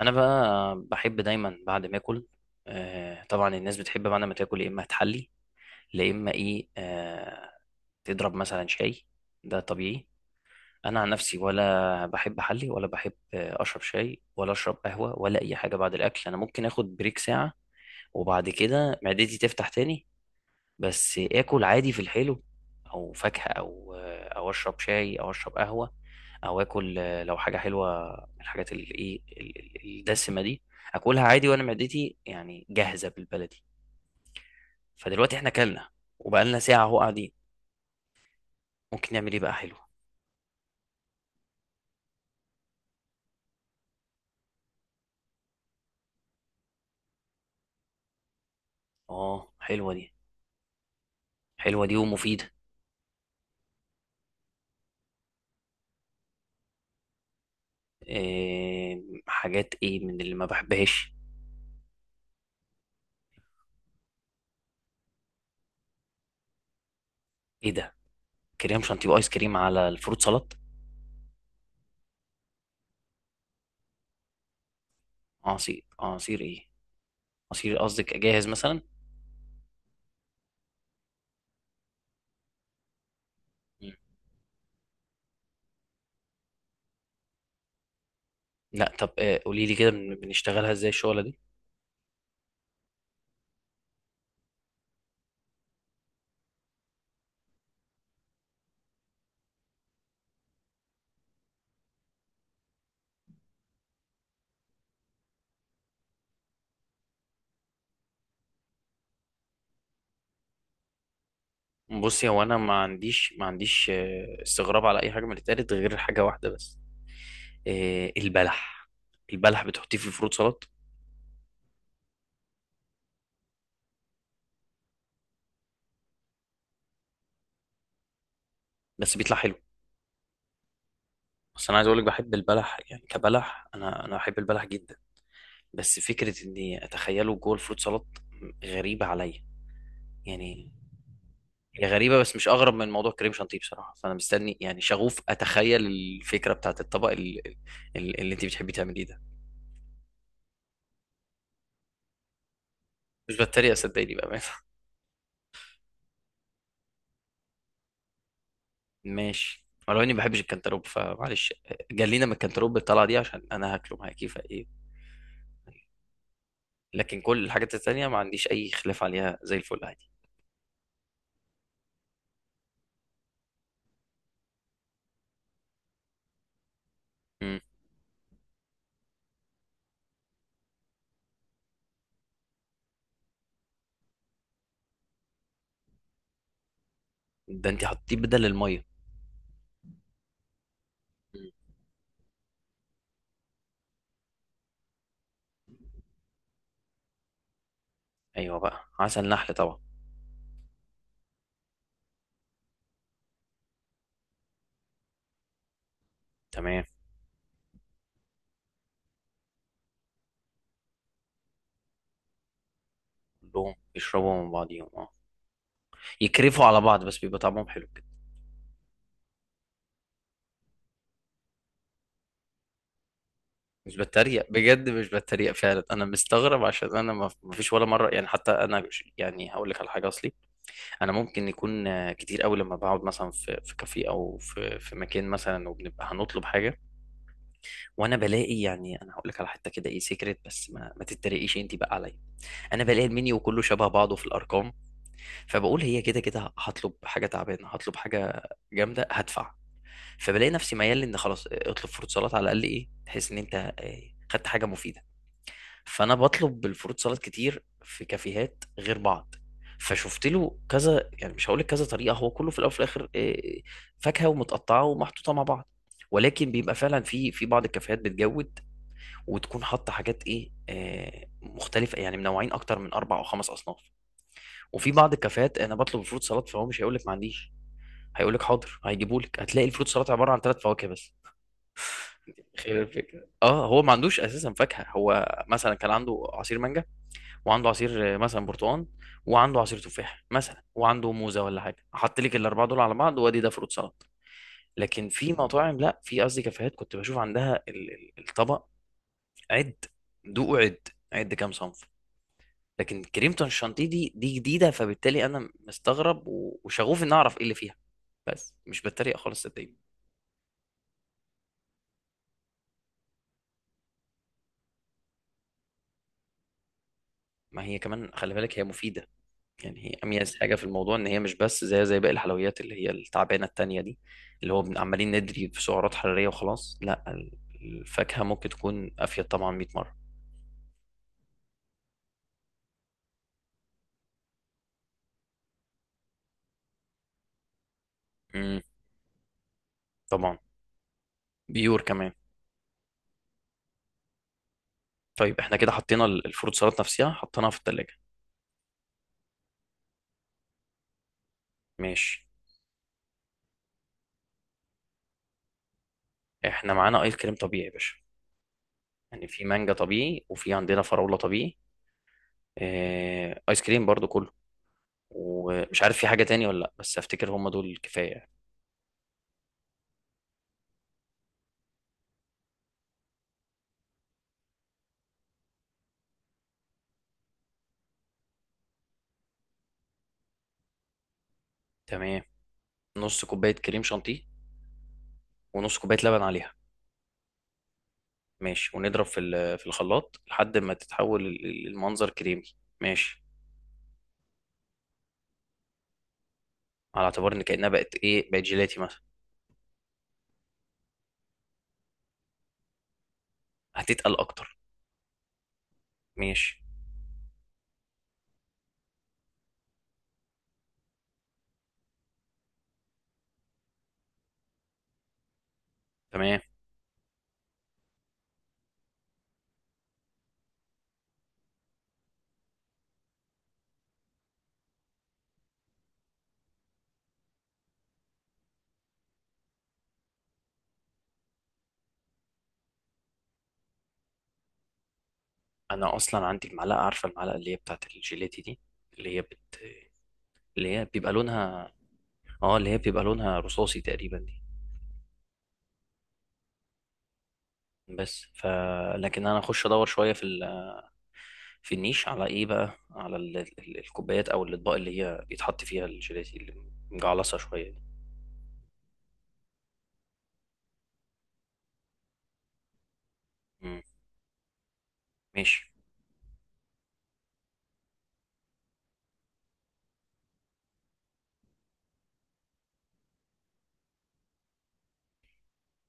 انا بقى بحب دايما بعد ما اكل. طبعا الناس بتحب بعد ما تاكل يا اما تحلي يا اما ايه. تضرب مثلا شاي. ده طبيعي. انا عن نفسي ولا بحب احلي ولا بحب اشرب شاي ولا اشرب قهوه ولا اي حاجه بعد الاكل. انا ممكن اخد بريك ساعه وبعد كده معدتي تفتح تاني. بس اكل عادي في الحلو او فاكهة او اشرب شاي او اشرب قهوة او اكل، لو حاجة حلوة من الحاجات اللي ايه الدسمة دي اكلها عادي، وانا معدتي يعني جاهزة بالبلدي. فدلوقتي احنا كلنا وبقالنا ساعة اهو قاعدين، ممكن نعمل ايه بقى حلو؟ اه، حلوة دي. حلوة دي ومفيدة. إيه حاجات ايه من اللي ما بحبهاش؟ ايه ده؟ كريم شانتيه وايس كريم على الفروت سلطة؟ عصير؟ عصير ايه؟ عصير قصدك اجهز مثلا؟ لا طب، قولي لي كده بنشتغلها ازاي الشغله دي. بصي، هو انا ما عنديش استغراب على اي حاجه من اللي اتقالت غير حاجه واحده بس، البلح. البلح بتحطيه في الفروت سلطه؟ بس بيطلع حلو. بس انا عايز اقول لك بحب البلح يعني، كبلح انا بحب البلح جدا، بس فكره اني اتخيله جوه الفروت سلطه غريبه عليا يعني. هي غريبه بس مش اغرب من موضوع كريم شانتيه بصراحه، فانا مستني يعني شغوف اتخيل الفكره بتاعت الطبق اللي انت بتحبي تعمليه ده. مش بتريق، صدقيني بقى. ماشي، ولو اني ما بحبش الكنتالوب فمعلش، جلينا من الكنتالوب بالطلعه دي عشان انا هاكله معاكي فايه. لكن كل الحاجات التانيه ما عنديش اي خلاف عليها، زي الفل عادي. مم. ده انت حطيه بدل الميه. مم. ايوه بقى، عسل نحل طبعا. تمام. كلهم يشربوا من بعضيهم، اه. يكرفوا على بعض بس بيبقى طعمهم حلو كده. مش بتريق بجد، مش بتريق فعلا. انا مستغرب عشان انا ما فيش ولا مره يعني. حتى انا يعني هقول لك على حاجه اصلي. انا ممكن يكون كتير قوي لما بقعد مثلا في في كافيه او في مكان مثلا وبنبقى هنطلب حاجه، وانا بلاقي يعني، انا هقول لك على حته كده ايه سيكريت بس ما تتريقيش انت بقى عليا. انا بلاقي المنيو كله شبه بعضه في الارقام، فبقول هي كده كده هطلب حاجه تعبانه هطلب حاجه جامده هدفع. فبلاقي نفسي ميال ان خلاص اطلب فروت سلطه على الاقل ايه، تحس ان انت خدت حاجه مفيده. فانا بطلب بالفروت سلطات كتير في كافيهات غير بعض، فشفت له كذا يعني، مش هقول لك كذا طريقه، هو كله في الاول وفي الاخر فاكهه ومتقطعه ومحطوطه مع بعض. ولكن بيبقى فعلا في بعض الكافيهات بتجود وتكون حاطه حاجات ايه مختلفه يعني، منوعين اكتر من اربع او خمس اصناف. وفي بعض الكافيهات انا بطلب الفروت سلطات فهو مش هيقول لك ما عنديش، هيقول لك حاضر هيجيبوا لك، هتلاقي الفروت سلطات عباره عن ثلاث فواكه بس. خير الفكرة، اه هو ما عندوش اساسا فاكهه، هو مثلا كان عنده عصير مانجا، وعنده عصير مثلا برتقال، وعنده عصير تفاح مثلا وعنده موزه ولا حاجه، احط لك الاربعه دول على بعض وادي ده فروت سلطه. لكن في مطاعم، لا في قصدي كافيهات، كنت بشوف عندها الطبق. عد. دوق. عد عد كام صنف. لكن كريمة الشانتيه دي جديده، فبالتالي انا مستغرب وشغوف ان اعرف ايه اللي فيها، بس مش بتريق خالص صدقني. ما هي كمان خلي بالك هي مفيده يعني، هي اميز حاجه في الموضوع ان هي مش بس زي باقي الحلويات اللي هي التعبانه التانية دي، اللي هو عمالين ندري في سعرات حراريه وخلاص. لا، الفاكهه ممكن تكون افيد طبعا 100 مره. امم طبعا. بيور كمان. طيب احنا كده حطينا الفروت سلطه نفسها حطيناها في الثلاجه. ماشي. احنا معانا ايس كريم طبيعي يا باشا، يعني في مانجا طبيعي وفي عندنا فراوله طبيعي، ايس كريم برضو كله. ومش عارف في حاجه تاني ولا لا، بس افتكر هم دول كفايه. تمام. نص كوبايه كريم شانتيه ونص كوبايه لبن عليها. ماشي، ونضرب في في الخلاط لحد ما تتحول المنظر كريمي. ماشي، على اعتبار ان كأنها بقت ايه، بقت جيلاتي مثلا. هتتقل اكتر. ماشي. تمام. انا اصلا عندي المعلقه، عارفه المعلقه اللي هي بتاعت الجيلاتي دي، اللي هي بت... اللي هي بيبقى لونها اه اللي هي بيبقى لونها رصاصي تقريبا دي. بس ف لكن انا اخش ادور شويه في في النيش على ايه بقى، على الكوبايات او الاطباق اللي هي بيتحط فيها الجيلاتي اللي مجعلصه شويه دي. مم. ماشي.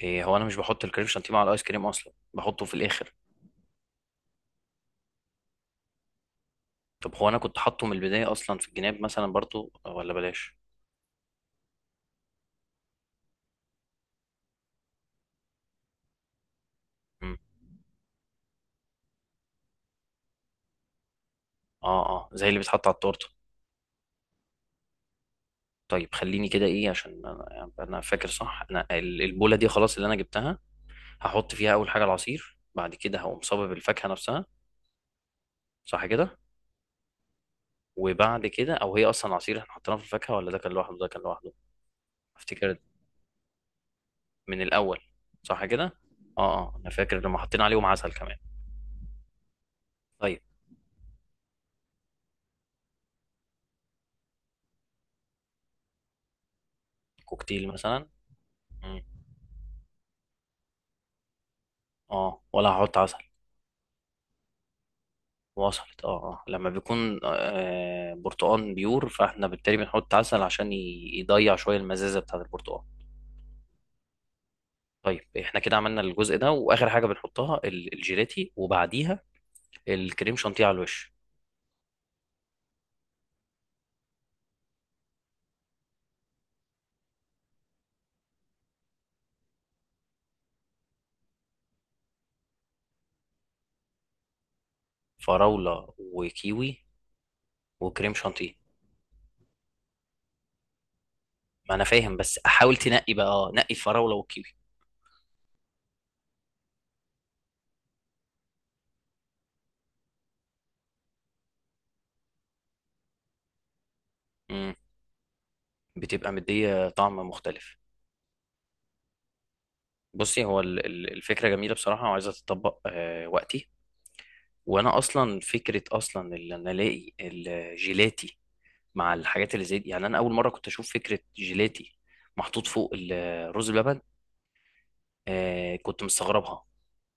إيه، هو انا مش بحط الكريم شانتيه مع الايس كريم اصلا، بحطه في الاخر. طب هو انا كنت حاطه من البدايه اصلا في الجناب مثلا برضو، ولا بلاش؟ مم. اه اه، زي اللي بيتحط على التورته. طيب خليني كده ايه، عشان انا يعني انا فاكر صح، انا البوله دي خلاص اللي انا جبتها، هحط فيها اول حاجه العصير، بعد كده هقوم صابب الفاكهه نفسها، صح كده؟ وبعد كده، او هي اصلا عصير احنا حطيناه في الفاكهه ولا ده كان لوحده؟ ده كان لوحده افتكر. من الاول، صح كده. اه اه، انا فاكر لما حطينا عليهم عسل كمان. طيب. كوكتيل مثلا. اه ولا هحط عسل. وصلت، اه. اه لما بيكون برتقان بيور، فاحنا بالتالي بنحط عسل عشان يضيع شويه المزازه بتاعه البرتقان. طيب احنا كده عملنا الجزء ده، واخر حاجه بنحطها الجيلاتي وبعديها الكريم شانتيه على الوش. فراوله وكيوي وكريم شانتيه. ما انا فاهم، بس احاول تنقي بقى، اه، نقي الفراوله والكيوي. امم بتبقى مديه طعم مختلف. بصي، هو الفكره جميله بصراحه، وعايزه تتطبق وقتي. وانا اصلا فكره اصلا، اللي انا الاقي الجيلاتي مع الحاجات اللي زي دي يعني، انا اول مره كنت اشوف فكره جيلاتي محطوط فوق الرز بلبن، كنت مستغربها.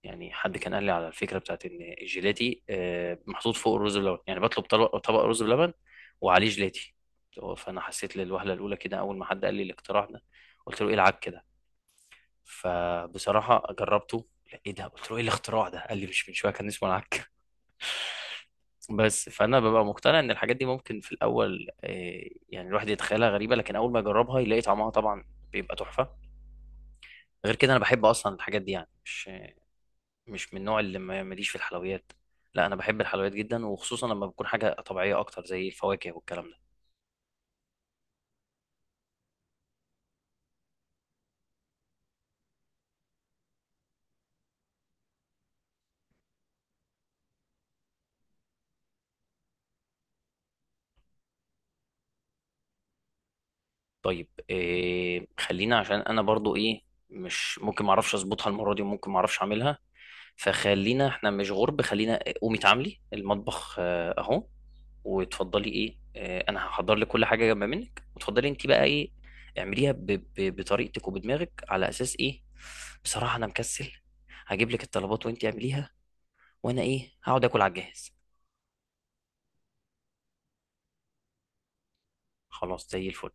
يعني حد كان قال لي على الفكره بتاعت ان الجيلاتي محطوط فوق الرز بلبن، يعني بطلب طبق طبق رز بلبن وعليه جيلاتي. فانا حسيت للوهله الاولى كده اول ما حد قال لي الاختراع ده، قلت له ايه العك كده. فبصراحه جربته. لا ايه ده، قلت له ايه الاختراع ده، قال لي مش من شويه كان اسمه العك. بس فانا ببقى مقتنع ان الحاجات دي ممكن في الاول، يعني الواحد يتخيلها غريبه، لكن اول ما يجربها يلاقي طعمها طبعا بيبقى تحفه. غير كده انا بحب اصلا الحاجات دي، يعني مش من النوع اللي ماليش في الحلويات. لا انا بحب الحلويات جدا، وخصوصا لما بتكون حاجه طبيعيه اكتر زي الفواكه والكلام ده. طيب خلينا، عشان انا برضو ايه، مش ممكن ما اعرفش اظبطها المره دي وممكن ما اعرفش اعملها. فخلينا احنا مش غرب، خلينا قومي تعاملي المطبخ اهو، وتفضلي ايه، انا هحضر لك كل حاجه جنب منك وتفضلي انت بقى ايه، اعمليها بطريقتك وبدماغك على اساس ايه. بصراحه انا مكسل، هجيب لك الطلبات وانت اعمليها، وانا ايه هقعد اكل على الجهاز. خلاص زي الفل.